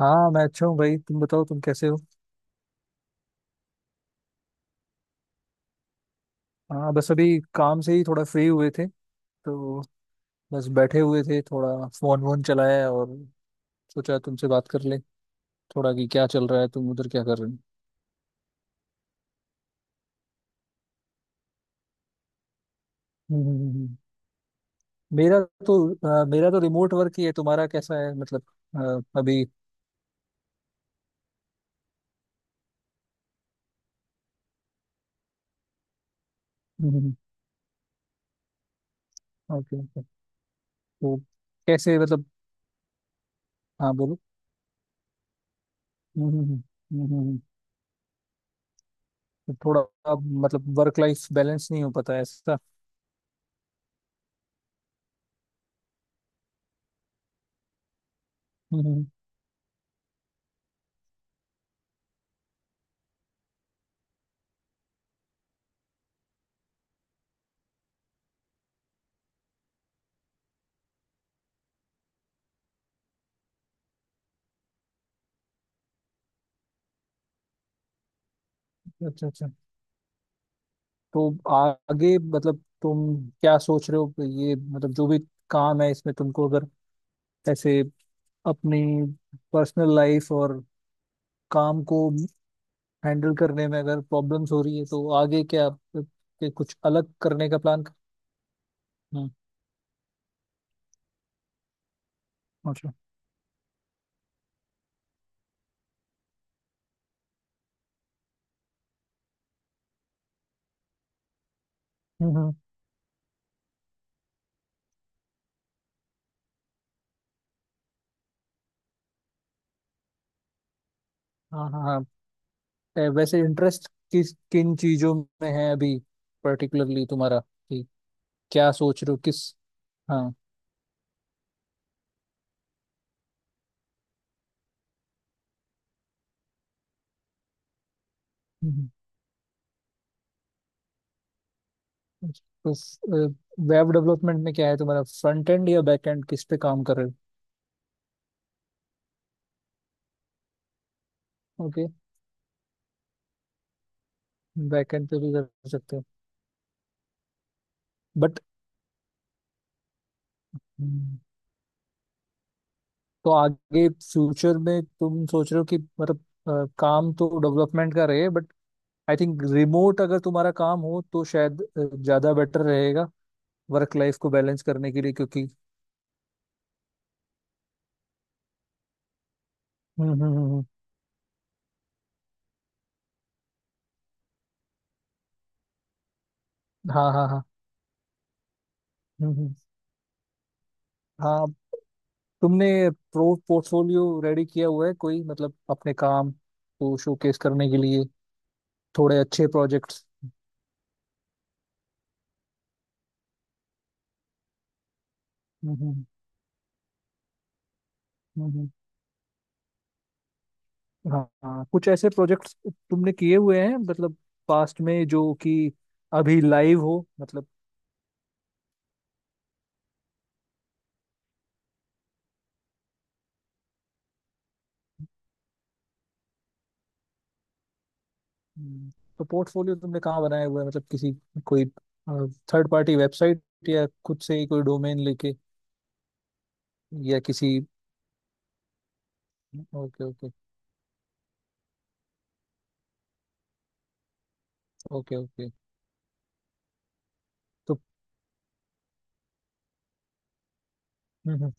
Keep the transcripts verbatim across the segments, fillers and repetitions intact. हाँ, मैं अच्छा हूँ भाई। तुम बताओ, तुम कैसे हो? हाँ, बस अभी काम से ही थोड़ा फ्री हुए थे तो बस बैठे हुए थे, थोड़ा फोन वोन चलाया और सोचा तुमसे बात कर ले, थोड़ा कि क्या चल रहा है, तुम उधर क्या कर रहे हो? हम्म, हम्म, हम्म। मेरा तो अ, मेरा तो रिमोट वर्क ही है। तुम्हारा कैसा है मतलब? अ, अभी। Okay okay. तो कैसे मतलब? हाँ, बोलो। हम्म, हम्म, हम्म, हम्म, हम्म। तो थोड़ा, अब मतलब वर्क लाइफ बैलेंस नहीं हो पाता है ऐसा? हम्म, हम्म, अच्छा अच्छा। तो आगे मतलब तुम क्या सोच रहे हो? ये मतलब जो भी काम है इसमें तुमको अगर ऐसे अपनी पर्सनल लाइफ और काम को हैंडल करने में अगर प्रॉब्लम्स हो रही है तो आगे क्या आप- के कुछ अलग करने का प्लान? हम्म। अच्छा। हम्म हम्म, हाँ हाँ हाँ। ए, वैसे इंटरेस्ट किस किन चीजों में है अभी पर्टिकुलरली तुम्हारा? कि क्या सोच रहे हो किस? हाँ। तो वेब डेवलपमेंट में क्या है तुम्हारा, फ्रंट एंड या बैक एंड? किस पे काम कर रहे हो? ओके, बैक एंड पे भी कर सकते हो। बट तो आगे फ्यूचर में तुम सोच रहे हो कि मतलब अ, काम तो डेवलपमेंट का रहे, बट आई थिंक रिमोट अगर तुम्हारा काम हो तो शायद अ, ज्यादा बेटर रहेगा वर्क लाइफ को बैलेंस करने के लिए, क्योंकि... हम्म हम्म हम्म हम्म, हाँ हाँ हाँ। हम्म हम्म। हाँ, तुमने प्रो पोर्टफोलियो रेडी किया हुआ है कोई, मतलब अपने काम को शोकेस करने के लिए, थोड़े अच्छे प्रोजेक्ट्स? हम्म हम्म, हाँ हाँ, कुछ ऐसे प्रोजेक्ट्स तुमने किए हुए हैं मतलब, पास्ट में, जो कि अभी लाइव हो मतलब? हम्म, तो पोर्टफोलियो तुमने कहाँ बनाया हुआ है, मतलब किसी, कोई थर्ड पार्टी वेबसाइट या खुद से ही कोई डोमेन लेके, या किसी? Okay okay. Okay okay. तो? हम्म हम्म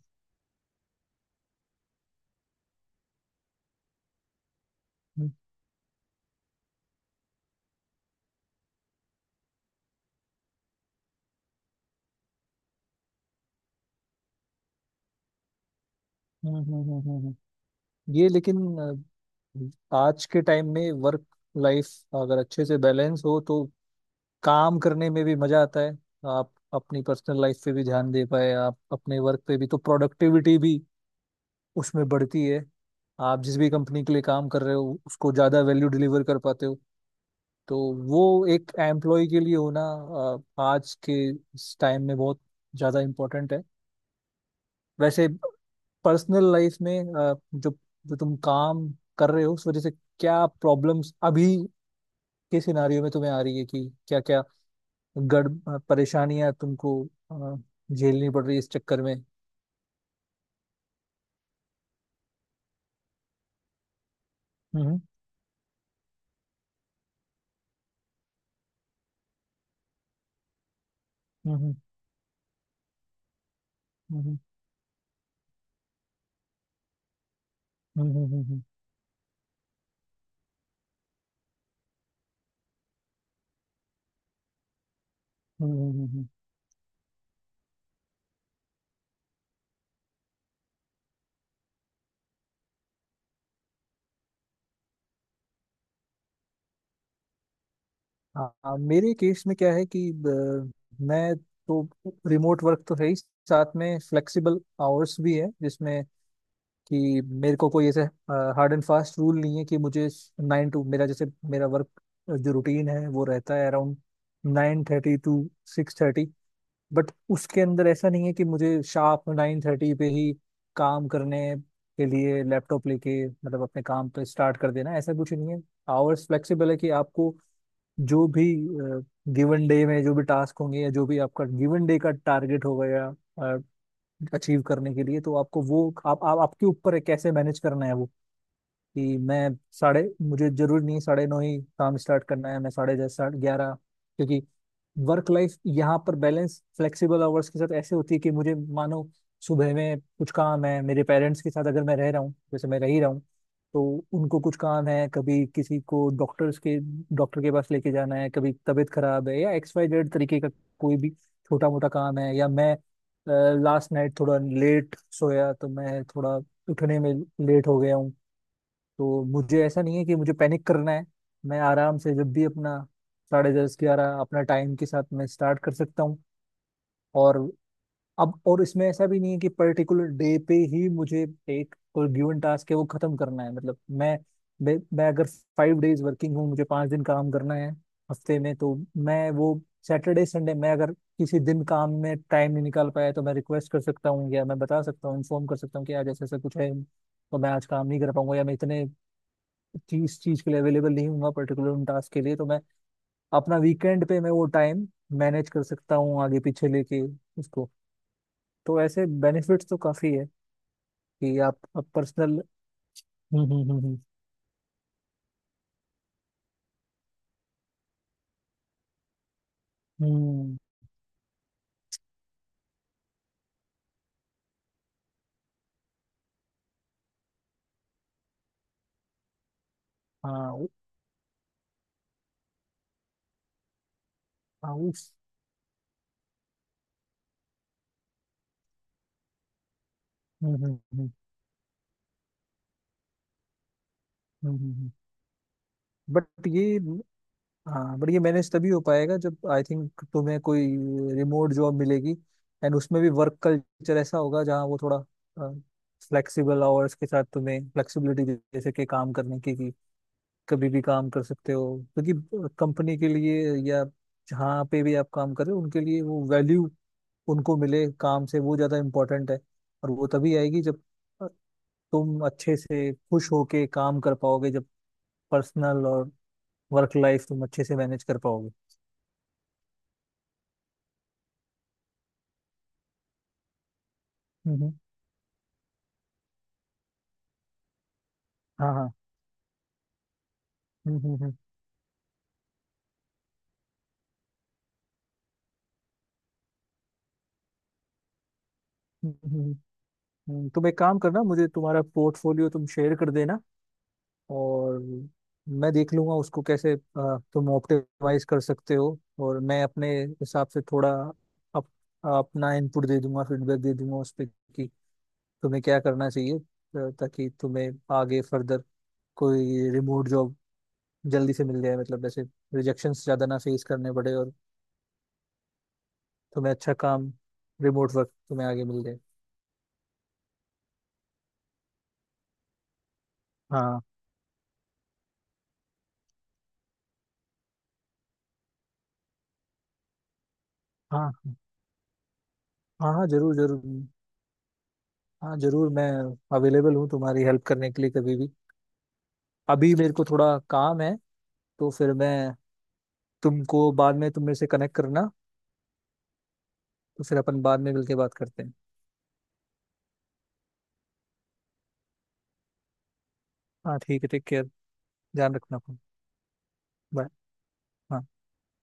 हम्म हम्म हम्म, हम्म, हम्म। हम्म, ये लेकिन अ, आज के टाइम में वर्क लाइफ अगर अच्छे से बैलेंस हो तो काम करने में भी मजा आता है। आप अपनी पर्सनल लाइफ पे भी ध्यान दे पाए, आप अपने वर्क पे भी, तो प्रोडक्टिविटी भी उसमें बढ़ती है। आप जिस भी कंपनी के लिए काम कर रहे हो उसको ज़्यादा वैल्यू डिलीवर कर पाते हो। तो वो एक एम्प्लॉय के लिए होना अ, आज के इस टाइम में बहुत ज़्यादा इम्पोर्टेंट है। वैसे पर्सनल लाइफ में अ, जो जो तुम काम कर रहे हो उस वजह से क्या प्रॉब्लम्स अभी के सिनारियो में तुम्हें आ रही है, कि क्या क्या गड़ परेशानियां तुमको अ, झेलनी पड़ रही है इस चक्कर में? हम्म हम्म हम्म हम्म हम्म हम्म हम्म, हम्म। हाँ हाँ, मेरे केस में क्या है कि ब, मैं तो रिमोट वर्क तो है ही, साथ में फ्लेक्सिबल आवर्स भी है, जिसमें कि मेरे को कोई ऐसे हार्ड एंड फास्ट रूल नहीं है कि मुझे नाइन टू मेरा, जैसे मेरा वर्क जो रूटीन है वो रहता है around nine thirty to six. But उसके अंदर ऐसा नहीं है कि मुझे शार्प नाइन थर्टी पे ही काम करने के लिए लैपटॉप लेके, मतलब अपने काम पे स्टार्ट कर देना, ऐसा कुछ नहीं है। आवर्स फ्लेक्सिबल है कि आपको जो भी गिवन डे में जो भी टास्क होंगे, या जो भी आपका गिवन डे का टारगेट होगा या अचीव करने के लिए, तो आपको वो आप, आप आपके ऊपर है कैसे मैनेज करना है वो। कि मैं साढ़े मुझे जरूरी नहीं साढ़े नौ ही काम स्टार्ट करना है, मैं साढ़े दस साढ़े ग्यारह। क्योंकि वर्क लाइफ यहाँ पर बैलेंस फ्लेक्सिबल आवर्स के साथ ऐसे होती है कि मुझे मानो सुबह में कुछ काम है, मेरे पेरेंट्स के साथ अगर मैं रह रहा हूँ, जैसे मैं रह ही रहा हूँ, तो उनको कुछ काम है, कभी किसी को डॉक्टर्स के डॉक्टर के पास लेके जाना है, कभी तबीयत खराब है या एक्स वाई जेड तरीके का कोई भी छोटा मोटा काम है, या मैं लास्ट नाइट थोड़ा लेट सोया तो मैं थोड़ा उठने में लेट हो गया हूँ, तो मुझे ऐसा नहीं है कि मुझे पैनिक करना है। मैं आराम से जब भी अपना साढ़े दस ग्यारह, अपना टाइम के साथ मैं स्टार्ट कर सकता हूँ। और अब, और इसमें ऐसा भी नहीं है कि पर्टिकुलर डे पे ही मुझे एक कोई गिवन टास्क है वो खत्म करना है, मतलब मैं मैं, मैं अगर फाइव डेज वर्किंग हूँ, मुझे पाँच दिन काम करना है हफ्ते में, तो मैं वो सैटरडे संडे, मैं अगर किसी दिन काम में टाइम नहीं निकाल पाया तो मैं रिक्वेस्ट कर सकता हूँ या मैं बता सकता हूँ, इन्फॉर्म कर सकता हूँ कि आज ऐसा ऐसा कुछ है, तो मैं आज काम नहीं कर पाऊंगा या मैं इतने चीज चीज के लिए अवेलेबल नहीं हूँ, पर्टिकुलर उन टास्क के लिए, तो मैं अपना वीकेंड पे मैं वो टाइम मैनेज कर सकता हूँ आगे पीछे लेके उसको। तो ऐसे बेनिफिट्स तो काफी है कि आप, आप पर्सनल। हम्म हम्म हम्म हम्म हम्म, हाँ उ- हाँ, उस। हम्म हम्म हम्म हम्म हम्म। बट ये हाँ, बट ये मैनेज तभी हो पाएगा जब आई थिंक तुम्हें कोई रिमोट जॉब मिलेगी। एंड उसमें भी वर्क कल्चर ऐसा होगा जहाँ वो थोड़ा फ्लेक्सिबल आवर्स के साथ तुम्हें फ्लेक्सिबिलिटी, जैसे कि काम करने की कभी भी काम कर सकते हो, क्योंकि कंपनी के लिए या जहाँ पे भी आप काम कर रहे हो उनके लिए वो वैल्यू उनको मिले काम से, वो ज़्यादा इम्पोर्टेंट है। और वो तभी आएगी जब अ, तुम अच्छे से खुश होके काम कर पाओगे, जब पर्सनल और वर्क लाइफ तुम अच्छे से मैनेज कर पाओगे। हम्म हम्म, हाँ हाँ। हम्म हम्म हम्म हम्म, हम्म, हम्म। तुम एक काम करना, मुझे तुम्हारा पोर्टफोलियो तुम शेयर कर देना, और मैं देख लूंगा उसको कैसे अ, तुम ऑप्टिमाइज कर सकते हो, और मैं अपने हिसाब से थोड़ा अप, अपना इनपुट दे दूंगा, फीडबैक दे दूंगा उस पर कि तुम्हें क्या करना चाहिए, अ, ताकि तुम्हें आगे फर्दर कोई रिमोट जॉब जल्दी से मिल जाए, मतलब ऐसे रिजेक्शन ज्यादा ना फेस करने पड़े, और तुम्हें अच्छा काम, रिमोट वर्क तुम्हें आगे मिल जाए। हाँ हाँ हाँ। हाँ जरूर जरूर। हाँ जरूर, मैं अवेलेबल हूँ तुम्हारी हेल्प करने के लिए कभी भी। अभी मेरे को थोड़ा काम है, तो फिर मैं तुमको बाद में, तुम मेरे से कनेक्ट करना, तो फिर अपन बाद में मिलके बात करते हैं। हाँ ठीक है, टेक केयर, ध्यान रखना अपना। बाय। हाँ।